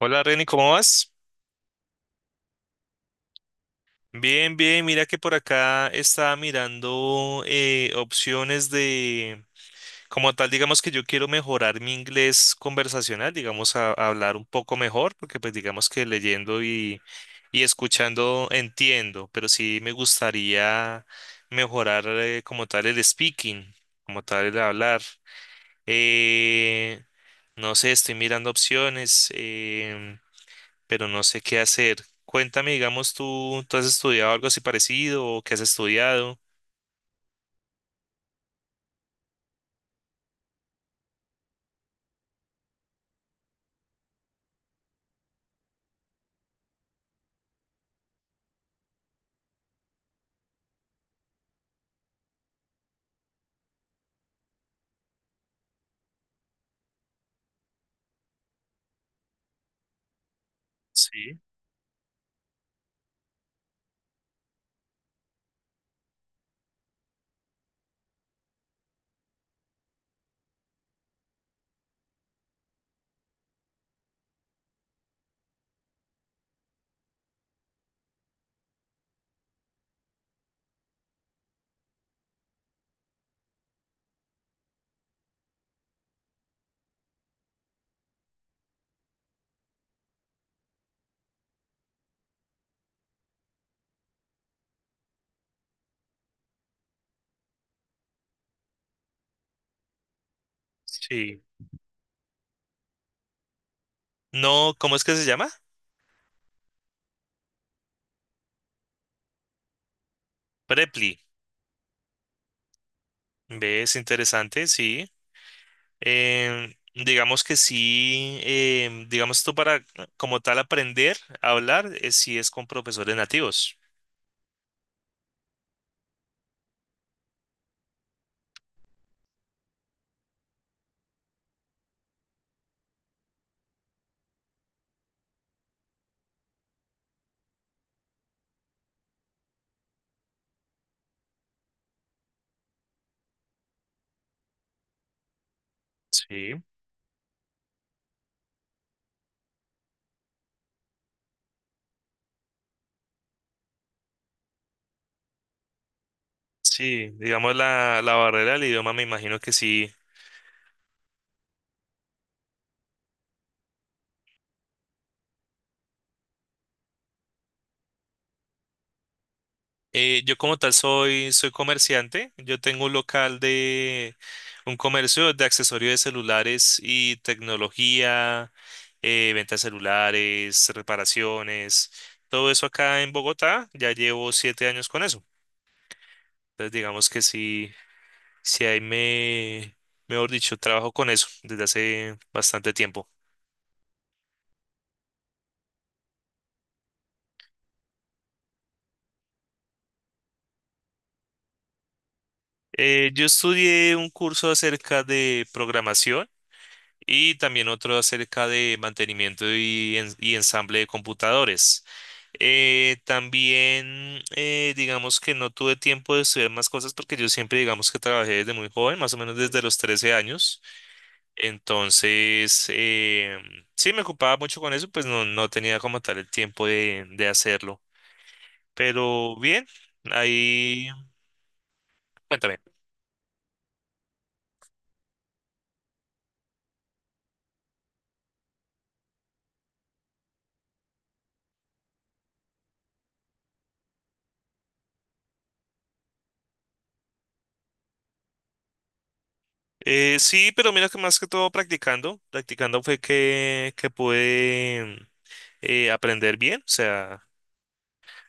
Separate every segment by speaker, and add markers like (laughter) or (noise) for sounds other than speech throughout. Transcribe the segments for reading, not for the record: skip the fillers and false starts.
Speaker 1: Hola Reni, ¿cómo vas? Bien, bien, mira que por acá estaba mirando opciones de, como tal, digamos que yo quiero mejorar mi inglés conversacional, digamos, a hablar un poco mejor, porque pues digamos que leyendo y escuchando entiendo, pero sí me gustaría mejorar como tal el speaking, como tal el hablar. Eh, no sé, estoy mirando opciones. Pero no sé qué hacer. Cuéntame, digamos, ¿tú has estudiado algo así parecido o qué has estudiado? Sí, sí. No, ¿cómo es que se llama? Preply. ¿Ves? Interesante, sí. Digamos que sí, digamos tú para como tal aprender a hablar, sí es con profesores nativos. Sí. Sí, digamos la barrera del idioma me imagino que sí. Yo como tal soy, soy comerciante. Yo tengo un local de un comercio de accesorios de celulares y tecnología, ventas de celulares, reparaciones, todo eso acá en Bogotá. Ya llevo 7 años con eso. Entonces digamos que sí, sí ahí me, mejor dicho, trabajo con eso desde hace bastante tiempo. Yo estudié un curso acerca de programación y también otro acerca de mantenimiento y ensamble de computadores. También, digamos que no tuve tiempo de estudiar más cosas porque yo siempre, digamos que trabajé desde muy joven, más o menos desde los 13 años. Entonces, sí, me ocupaba mucho con eso, pues no tenía como tal el tiempo de hacerlo. Pero bien, ahí, cuéntame. Sí, pero mira que más que todo practicando, practicando fue que pude aprender bien. O sea,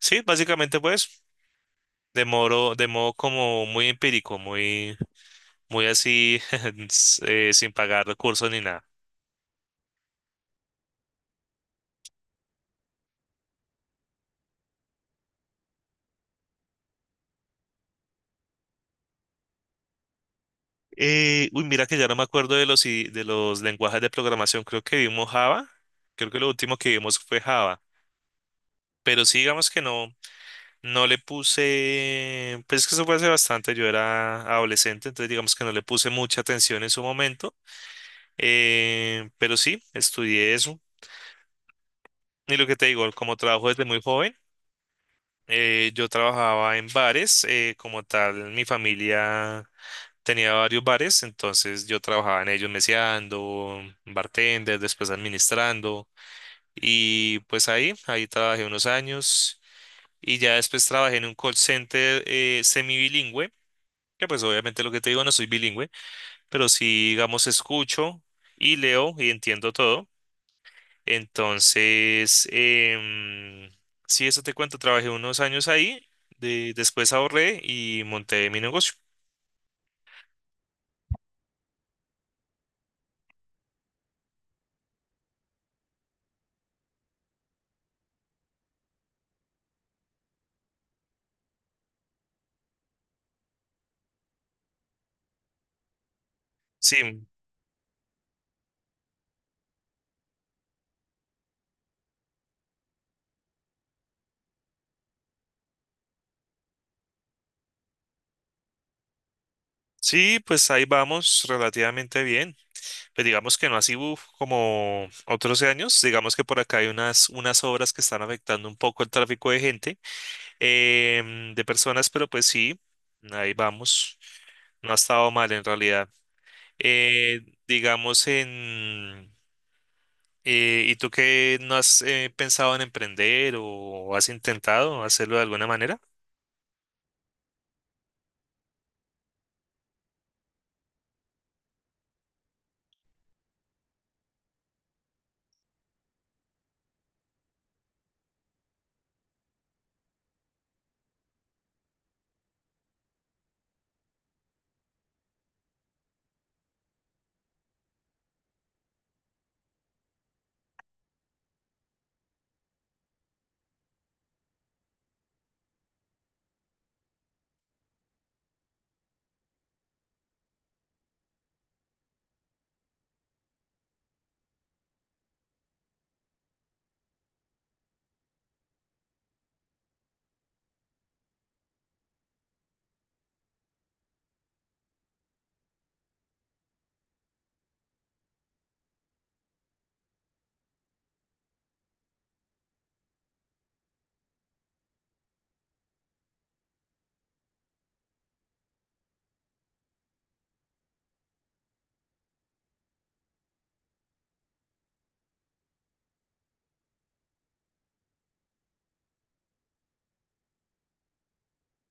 Speaker 1: sí, básicamente pues de modo como muy empírico, muy, muy así, (laughs) sin pagar recursos ni nada. Uy, mira que ya no me acuerdo de los lenguajes de programación. Creo que vimos Java. Creo que lo último que vimos fue Java. Pero sí, digamos que no le puse, pues es que eso fue hace bastante, yo era adolescente, entonces digamos que no le puse mucha atención en su momento. Pero sí, estudié eso. Y lo que te digo, como trabajo desde muy joven, yo trabajaba en bares, como tal, mi familia tenía varios bares, entonces yo trabajaba en ellos meseando, bartender, después administrando, y pues ahí trabajé unos años, y ya después trabajé en un call center semibilingüe, que pues obviamente lo que te digo no soy bilingüe, pero sí, digamos, escucho y leo y entiendo todo. Entonces, sí, eso te cuento, trabajé unos años ahí, después ahorré y monté mi negocio. Sí, sí, pues ahí vamos relativamente bien. Pues digamos que no así uf, como otros años, digamos que por acá hay unas obras que están afectando un poco el tráfico de gente, de personas, pero pues sí, ahí vamos. No ha estado mal en realidad. Eh, digamos en... ¿Y tú qué no has pensado en emprender o has intentado hacerlo de alguna manera?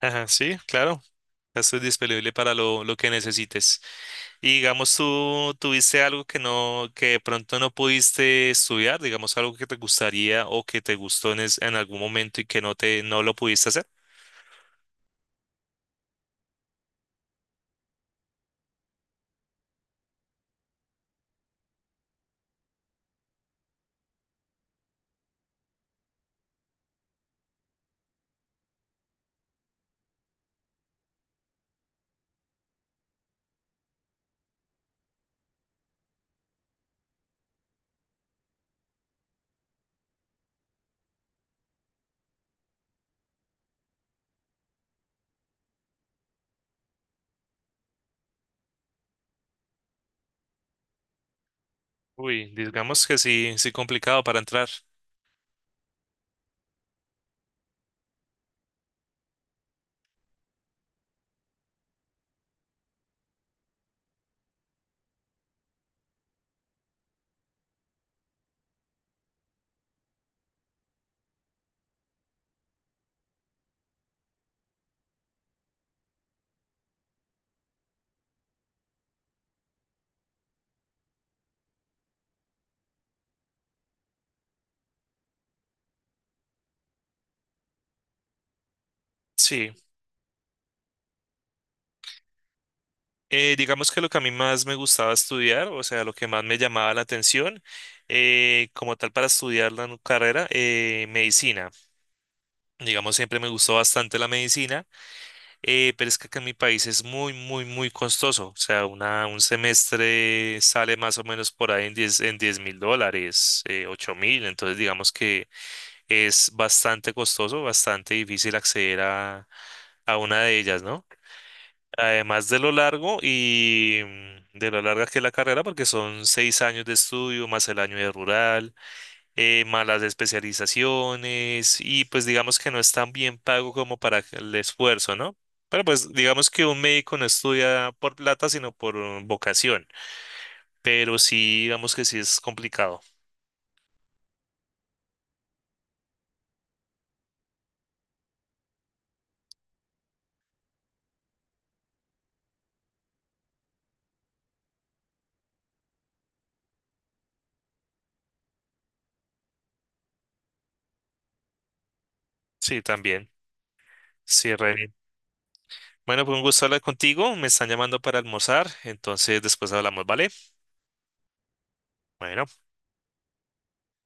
Speaker 1: Ajá, sí, claro. Esto es disponible para lo que necesites. Y digamos, tú tuviste algo que de pronto no pudiste estudiar, digamos, algo que te gustaría o que te gustó en algún momento y que no lo pudiste hacer. Uy, digamos que sí, sí complicado para entrar. Sí. Digamos que lo que a mí más me gustaba estudiar, o sea, lo que más me llamaba la atención, como tal para estudiar la carrera, medicina. Digamos, siempre me gustó bastante la medicina, pero es que acá en mi país es muy, muy, muy costoso. O sea, un semestre sale más o menos por ahí en diez mil dólares, 8 mil. Entonces, digamos que es bastante costoso, bastante difícil acceder a una de ellas, ¿no? Además de lo largo y mm, de lo larga que es la carrera, porque son 6 años de estudio, más el año de rural, más las especializaciones, y pues digamos que no es tan bien pago como para el esfuerzo, ¿no? Pero pues digamos que un médico no estudia por plata, sino por vocación, pero sí, digamos que sí es complicado. Sí, también. Sí, re bien. Bueno, pues un gusto hablar contigo. Me están llamando para almorzar, entonces después hablamos, ¿vale? Bueno.